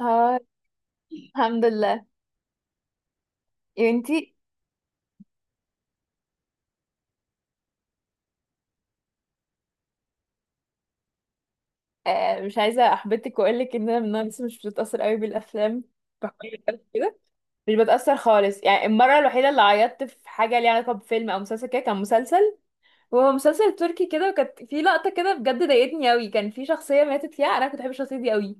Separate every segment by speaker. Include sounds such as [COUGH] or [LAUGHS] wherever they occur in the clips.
Speaker 1: اه. الحمد لله. يا بنتي مش عايزه احبطك واقول لك ان انا من النوع لسه مش بتتاثر قوي بالافلام بحكم الألف [LAUGHS] كده، مش بتاثر خالص. يعني المره الوحيده اللي عيطت في حاجه ليها علاقه بفيلم او مسلسل كده، كان مسلسل، وهو مسلسل تركي كده، وكانت في لقطه كده بجد ضايقتني قوي، كان في شخصيه ماتت فيها، انا كنت بحب الشخصيه دي قوي.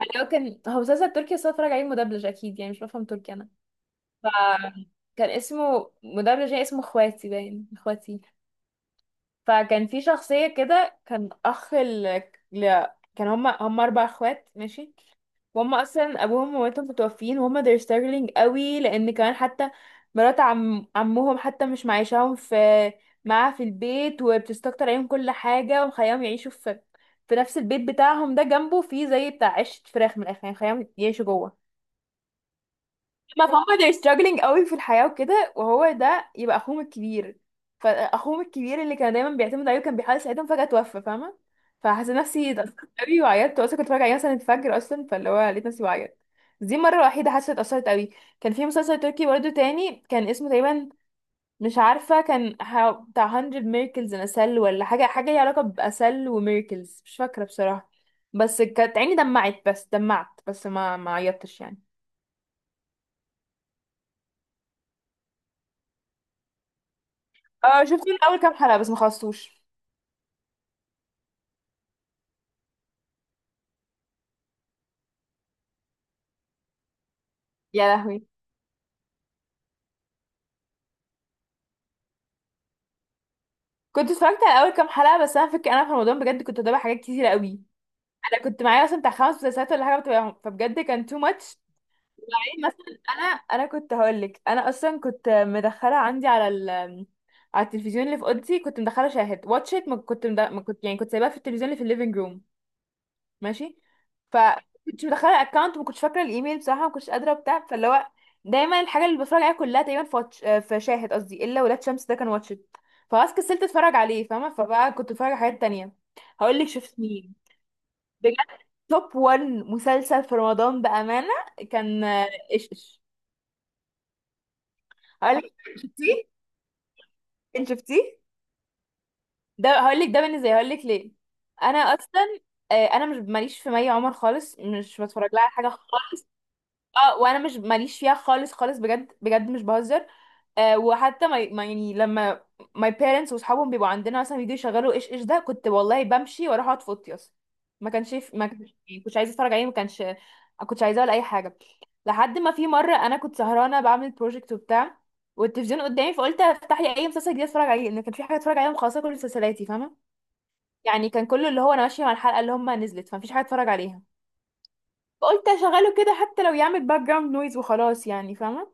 Speaker 1: يعني هو كان مسلسل تركي بس أنا بتفرج عليه مدبلج اكيد، يعني مش بفهم تركي انا. ف كان اسمه مدبلج يعني اسمه اخواتي، باين اخواتي. فكان في شخصية كده، كان ل... كان هما أربع أخوات ماشي، وهم أصلا أبوهم ومامتهم متوفيين وهم they're struggling قوي، لأن كمان حتى مرات عمهم حتى مش معيشاهم في معاها في البيت، وبتستكتر عليهم كل حاجة ومخليهم يعيشوا في في نفس البيت بتاعهم ده، جنبه فيه زي بتاع عيشة فراخ من الآخر، يعني مخليهم يعيشوا جوه ما فهم. they're struggling قوي في الحياة وكده، وهو ده يبقى اخوهم الكبير. فاخوهم الكبير اللي كان دايما بيعتمد عليه وكان بيحاول يساعدهم فجأة توفى، فاهمة؟ فحسيت نفسي اتأثرت قوي وعيطت، اصلا كنت بتفرج عليه مثلا الفجر اصلا، فاللي هو لقيت نفسي بعيط. دي المرة الوحيدة حاسة اتأثرت قوي. كان في مسلسل تركي برضه تاني كان اسمه تقريبا، مش عارفة كان بتاع 100 ميركلز ان اسل ولا حاجة، حاجة ليها علاقة بأسل وميركلز مش فاكرة بصراحة، بس كانت عيني دمعت بس، دمعت بس ما عيطتش يعني. اه شفت الاول كام حلقه بس ما خلصتوش. يا لهوي. كنت اتفرجت على اول كام حلقه بس، انا فك انا في رمضان بجد كنت بتابع حاجات كتيره قوي، انا كنت معايا مثلا بتاع خمس مسلسلات ولا حاجه بتابعهم، فبجد كان تو ماتش. يعني مثلا انا كنت هقول لك، انا اصلا كنت مدخله عندي على ال... على التلفزيون اللي في اوضتي، كنت مدخله شاهد واتشت، ما كنت، يعني كنت سايباها في التلفزيون اللي في الليفنج روم ماشي. ف كنت مدخله الاكونت وما كنتش فاكره الايميل بصراحه، ما كنتش قادره وبتاع، فاللي هو دايما الحاجه اللي بتفرج عليها كلها تقريبا في واتش... آه، في شاهد قصدي، الا ولاد شمس ده كان واتشت، فخلاص كسلت اتفرج عليه فاهمه، فبقى كنت بتفرج على حاجات تانية. هقول لك شفت مين؟ بجد توب 1 مسلسل في رمضان بامانه، كان ايش ايش. هقول لك شفتيه؟ انت شفتيه؟ ده هقول لك، ده بالنسبه لي هقول لك ليه. انا اصلا انا مش ماليش في مي عمر خالص، مش بتفرج لها على حاجه. اه وانا مش ماليش فيها خالص خالص، بجد بجد مش بهزر. وحتى يعني لما my parents واصحابهم بيبقوا عندنا مثلا بيجوا يشغلوا ايش ايش ده، كنت والله بمشي واروح اقعد في اوضتي اصلا. ما كانش، يعني كنتش عايزه اتفرج عليه، ما كانش، ما كنتش عايزاه ولا اي حاجه. لحد ما في مره انا كنت سهرانه بعمل بروجكت وبتاع، والتلفزيون قدامي، فقلت افتح لي اي مسلسل جديد اتفرج عليه لان كان في حاجه اتفرج عليها مخلصه كل مسلسلاتي فاهمه، يعني كان كله اللي هو انا ماشيه مع الحلقه اللي هم نزلت، فمفيش حاجه اتفرج عليها، فقلت اشغله كده حتى لو يعمل باك جراوند نويز وخلاص يعني فاهمه.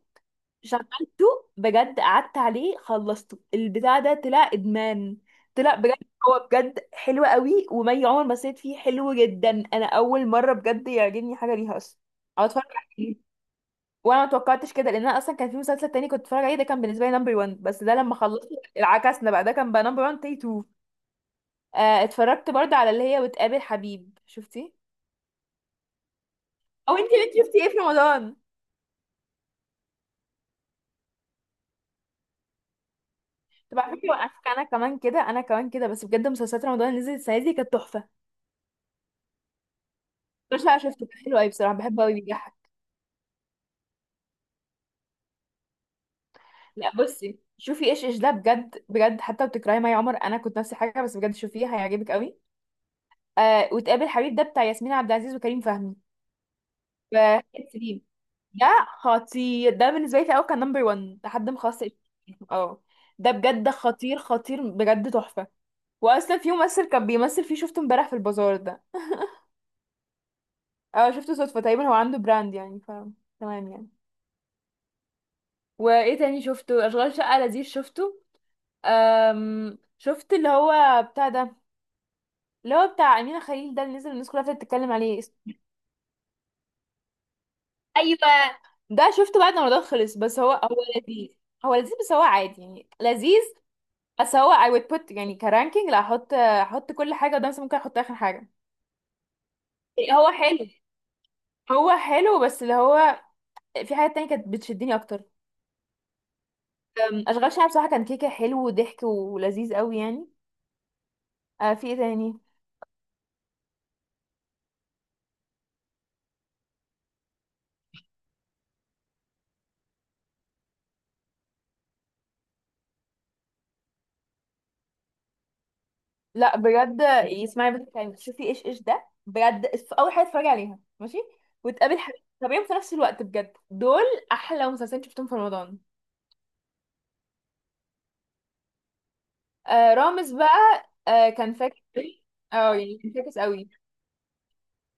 Speaker 1: شغلته، بجد قعدت عليه خلصته، البتاع ده طلع ادمان. طلع بجد، هو بجد حلو قوي، ومي عمر ما سيت فيه حلو جدا، انا اول مره بجد يعجبني حاجه ليها اصلا او اتفرج عليه. وانا ما توقعتش كده لان انا اصلا كان في مسلسل تاني كنت بتفرج عليه ده، كان بالنسبه لي نمبر 1، بس ده لما خلصت العكسنا بقى، ده كان بقى نمبر 1 تي 2. آه اتفرجت برضه على اللي هي وتقابل حبيب، شفتي؟ او انتي شفتي ايه في رمضان؟ طب على فكرة وقفك، انا كمان كده انا كمان كده، بس بجد مسلسلات رمضان اللي نزلت السنة دي كانت تحفة. مش، لا شفته، كان حلو قوي بصراحة، بحبه قوي بيضحك. لا بصي، شوفي ايش ايش ده بجد بجد، حتى بتكرهي مي عمر، انا كنت نفس الحاجة، بس بجد شوفيه هيعجبك قوي. آه وتقابل حبيب ده بتاع ياسمين عبد العزيز وكريم فهمي. ف- سليم ده خطير، ده بالنسبة لي في الأول كان نمبر 1 لحد ما خلاص إيش إيش. اه ده بجد خطير خطير، بجد تحفة. واصلا في ممثل كان بيمثل فيه شفته امبارح في البازار ده. اه شفته صدفة تقريبا، هو عنده براند يعني. تمام يعني. وايه تاني شفته؟ اشغال شقة لذيذ شفته. شفت اللي هو بتاع ده، اللي هو بتاع أمينة خليل ده اللي نزل الناس كلها ابتدت تتكلم عليه ايوه، ده شفته بعد ما رمضان خلص، بس هو هو لذيذ. هو لذيذ بس هو عادي، يعني لذيذ بس هو I would put، يعني كرانكينج، لا، احط كل حاجة قدام نفسي، ممكن احط اخر حاجة. هو حلو، هو حلو، بس اللي هو في حاجات تانية كانت بتشدني اكتر. اشغال شقة بصراحة كان كيكة، حلو وضحك ولذيذ قوي يعني. آه في ايه تاني؟ لا بجد اسمعي بنت كلمة، شوفي ايش ايش ده بجد، اول حاجه اتفرجي عليها ماشي، وتقابل حبيب طبيعي في نفس الوقت، بجد دول احلى مسلسلين شفتهم في رمضان. آه رامز بقى، كان فاكس قوي، اه يعني كان فاكس قوي.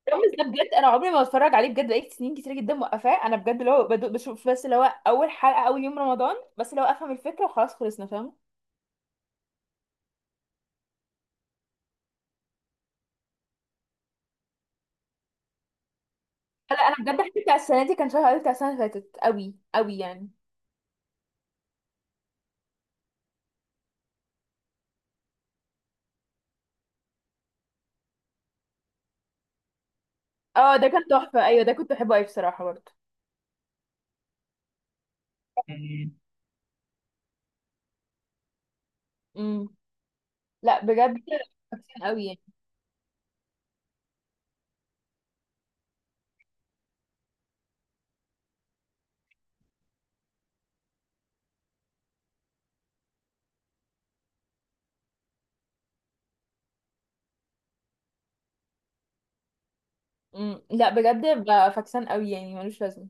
Speaker 1: رامز ده بجد انا عمري ما بتفرج عليه، بجد بقيت سنين كتير جدا موقفاه، انا بجد اللي هو بشوف بس اللي هو اول حلقه اول يوم رمضان بس، اللي هو افهم الفكره وخلاص خلصنا فاهم. لا انا بجد حبيت بتاع السنه دي، كان شهر قوي بتاع السنه اللي فاتت قوي قوي يعني. اه ده كان تحفه، ايوه ده كنت بحبه قوي بصراحه برضه. امم. لا بجد فاكسان قوي يعني. امم. لا بجد بقى فاكسان قوي يعني، ملوش لازمه.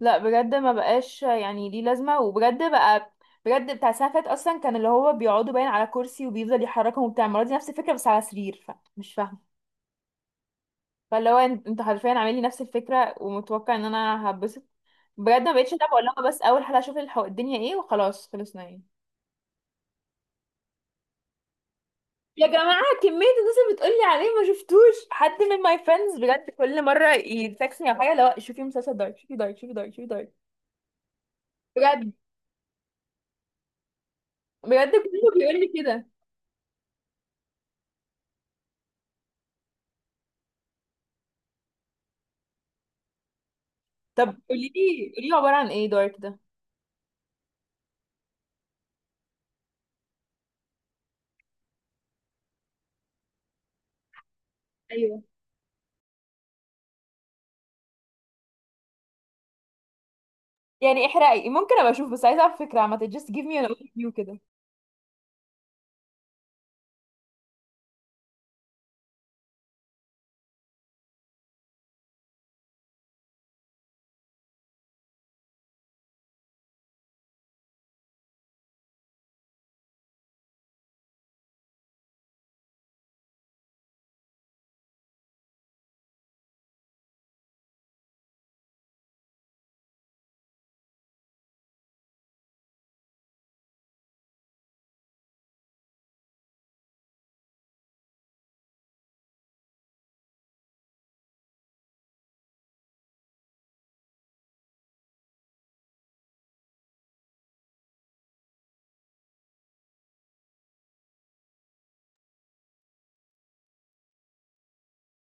Speaker 1: لا بجد ما بقاش يعني ليه لازمه، وبجد بقى بجد بتاع السنه اللي فاتت اصلا كان اللي هو بيقعدوا باين على كرسي وبيفضل يحركهم وبتاع، المره دي نفس الفكره بس على سرير، فمش فاهمه. فاللي هو انتوا حرفيا عاملين لي نفس الفكره ومتوقع ان انا هبسط، بجد ما بقتش اتابع، اقول لها بس اول حلقه اشوف الدنيا ايه وخلاص خلصنا يعني. يا جماعة كمية الناس اللي بتقولي عليه، ما شفتوش حد من ماي فريندز بجد كل مرة يتكسني على حاجة، لا شوفي مسلسل دارك، شوفي دارك، شوفي دارك، شوفي دارك. بجد، بجد كله بيقول لي كده. طب قولي لي عبارة عن ايه دارك ده؟ ايوه، يعني احرقي، ممكن ابقى اشوف، بس عايزة اعرف فكرة عامة just give me an overview كده.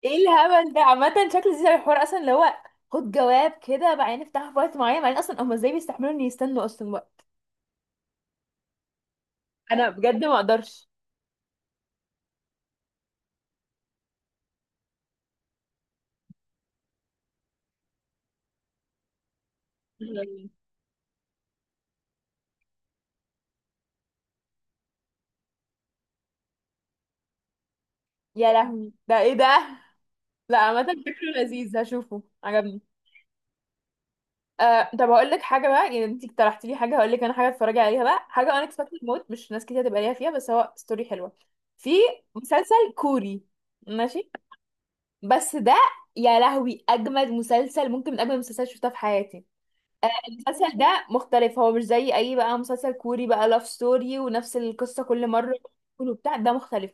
Speaker 1: ايه الهبل ده؟ عامة شكل زي الحوار اصلا، اللي هو خد جواب كده بعدين افتحه في وقت معين، بعدين اصلا هما ازاي بيستحملوا ان يستنوا اصلا وقت؟ انا بجد ما اقدرش. [LAUGHS] يا لهوي، ده ايه ده؟ لا عامة فكره لذيذ هشوفه، عجبني. طب هقول لك حاجة بقى، يعني انت اقترحتي لي حاجة، هقول لك انا حاجة اتفرجي عليها بقى، حاجة unexpected موت، مش ناس كتير هتبقى ليها فيها، بس هو ستوري حلوة. في مسلسل كوري، ماشي، بس ده يا لهوي اجمد مسلسل، ممكن من اجمد المسلسلات اللي شفتها في حياتي. المسلسل ده مختلف، هو مش زي اي بقى مسلسل كوري بقى لاف ستوري ونفس القصة كل مرة، كله بتاع ده مختلف،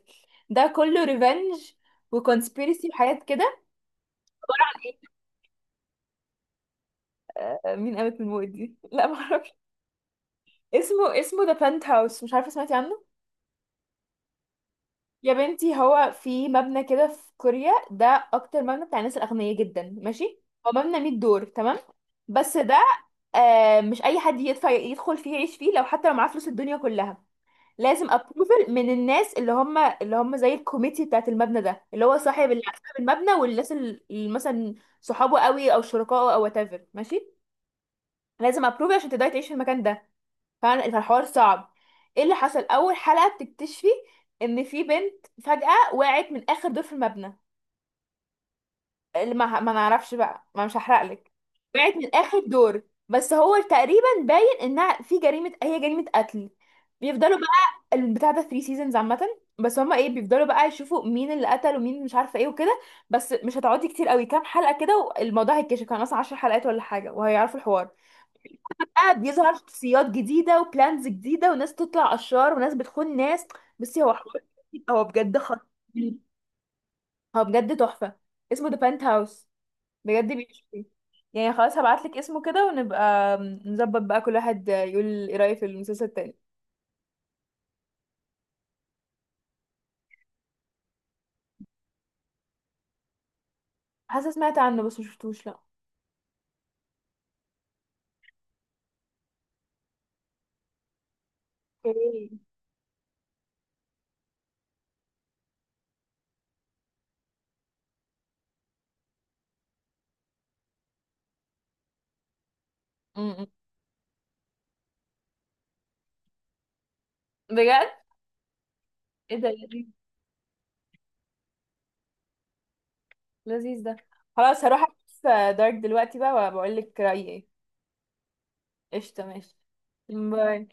Speaker 1: ده كله ريفنج وكونسبيرسي وحاجات كده. مين قامت من الموت دي؟ [LAUGHS] لا معرفش. اسمه، اسمه ذا بنت هاوس، مش عارفه سمعتي عنه؟ يا بنتي هو في مبنى كده في كوريا ده، اكتر مبنى بتاع الناس الاغنياء جدا ماشي، هو مبنى 100 دور تمام. بس ده آه مش اي حد يدفع يدخل فيه يعيش فيه، لو حتى لو معاه فلوس الدنيا كلها، لازم ابروفل من الناس اللي هم، اللي هم زي الكوميتي بتاعت المبنى ده، اللي هو صاحب، اللي صاحب المبنى والناس اللي مثلا صحابه قوي او شركائه او whatever ماشي، لازم ابروفل عشان تقدري تعيشي في المكان ده فعلا، فالحوار صعب. ايه اللي حصل؟ اول حلقة بتكتشفي ان في بنت فجأة وقعت من اخر دور في المبنى، اللي ما نعرفش بقى ما، مش هحرقلك. وقعت من اخر دور، بس هو تقريبا باين انها في جريمة، هي جريمة قتل. بيفضلوا بقى البتاع ده 3 سيزونز عامة، بس هما ايه بيفضلوا بقى يشوفوا مين اللي قتل ومين مش عارفة ايه وكده، بس مش هتقعدي كتير قوي، كام حلقة كده والموضوع هيتكشف، كان اصلا 10 حلقات ولا حاجة وهيعرفوا الحوار، بقى بيظهر شخصيات جديدة وبلانز جديدة وناس تطلع أشرار وناس بتخون ناس. بصي هو حوار، هو بجد خطير، هو بجد تحفة. اسمه ذا بنت هاوس، بجد بيشوفي، يعني خلاص هبعتلك اسمه كده، ونبقى نظبط بقى كل واحد يقول ايه رأيه في المسلسل التاني. حاسة سمعت عنه بس مشفتوش لأ. اوكي. م-م. بجد ايه ده لذيذ، لذيذ ده. خلاص هروح اشوف دارك دلوقتي بقى وبقول لك رأيي ايه. قشطة ماشي. باي.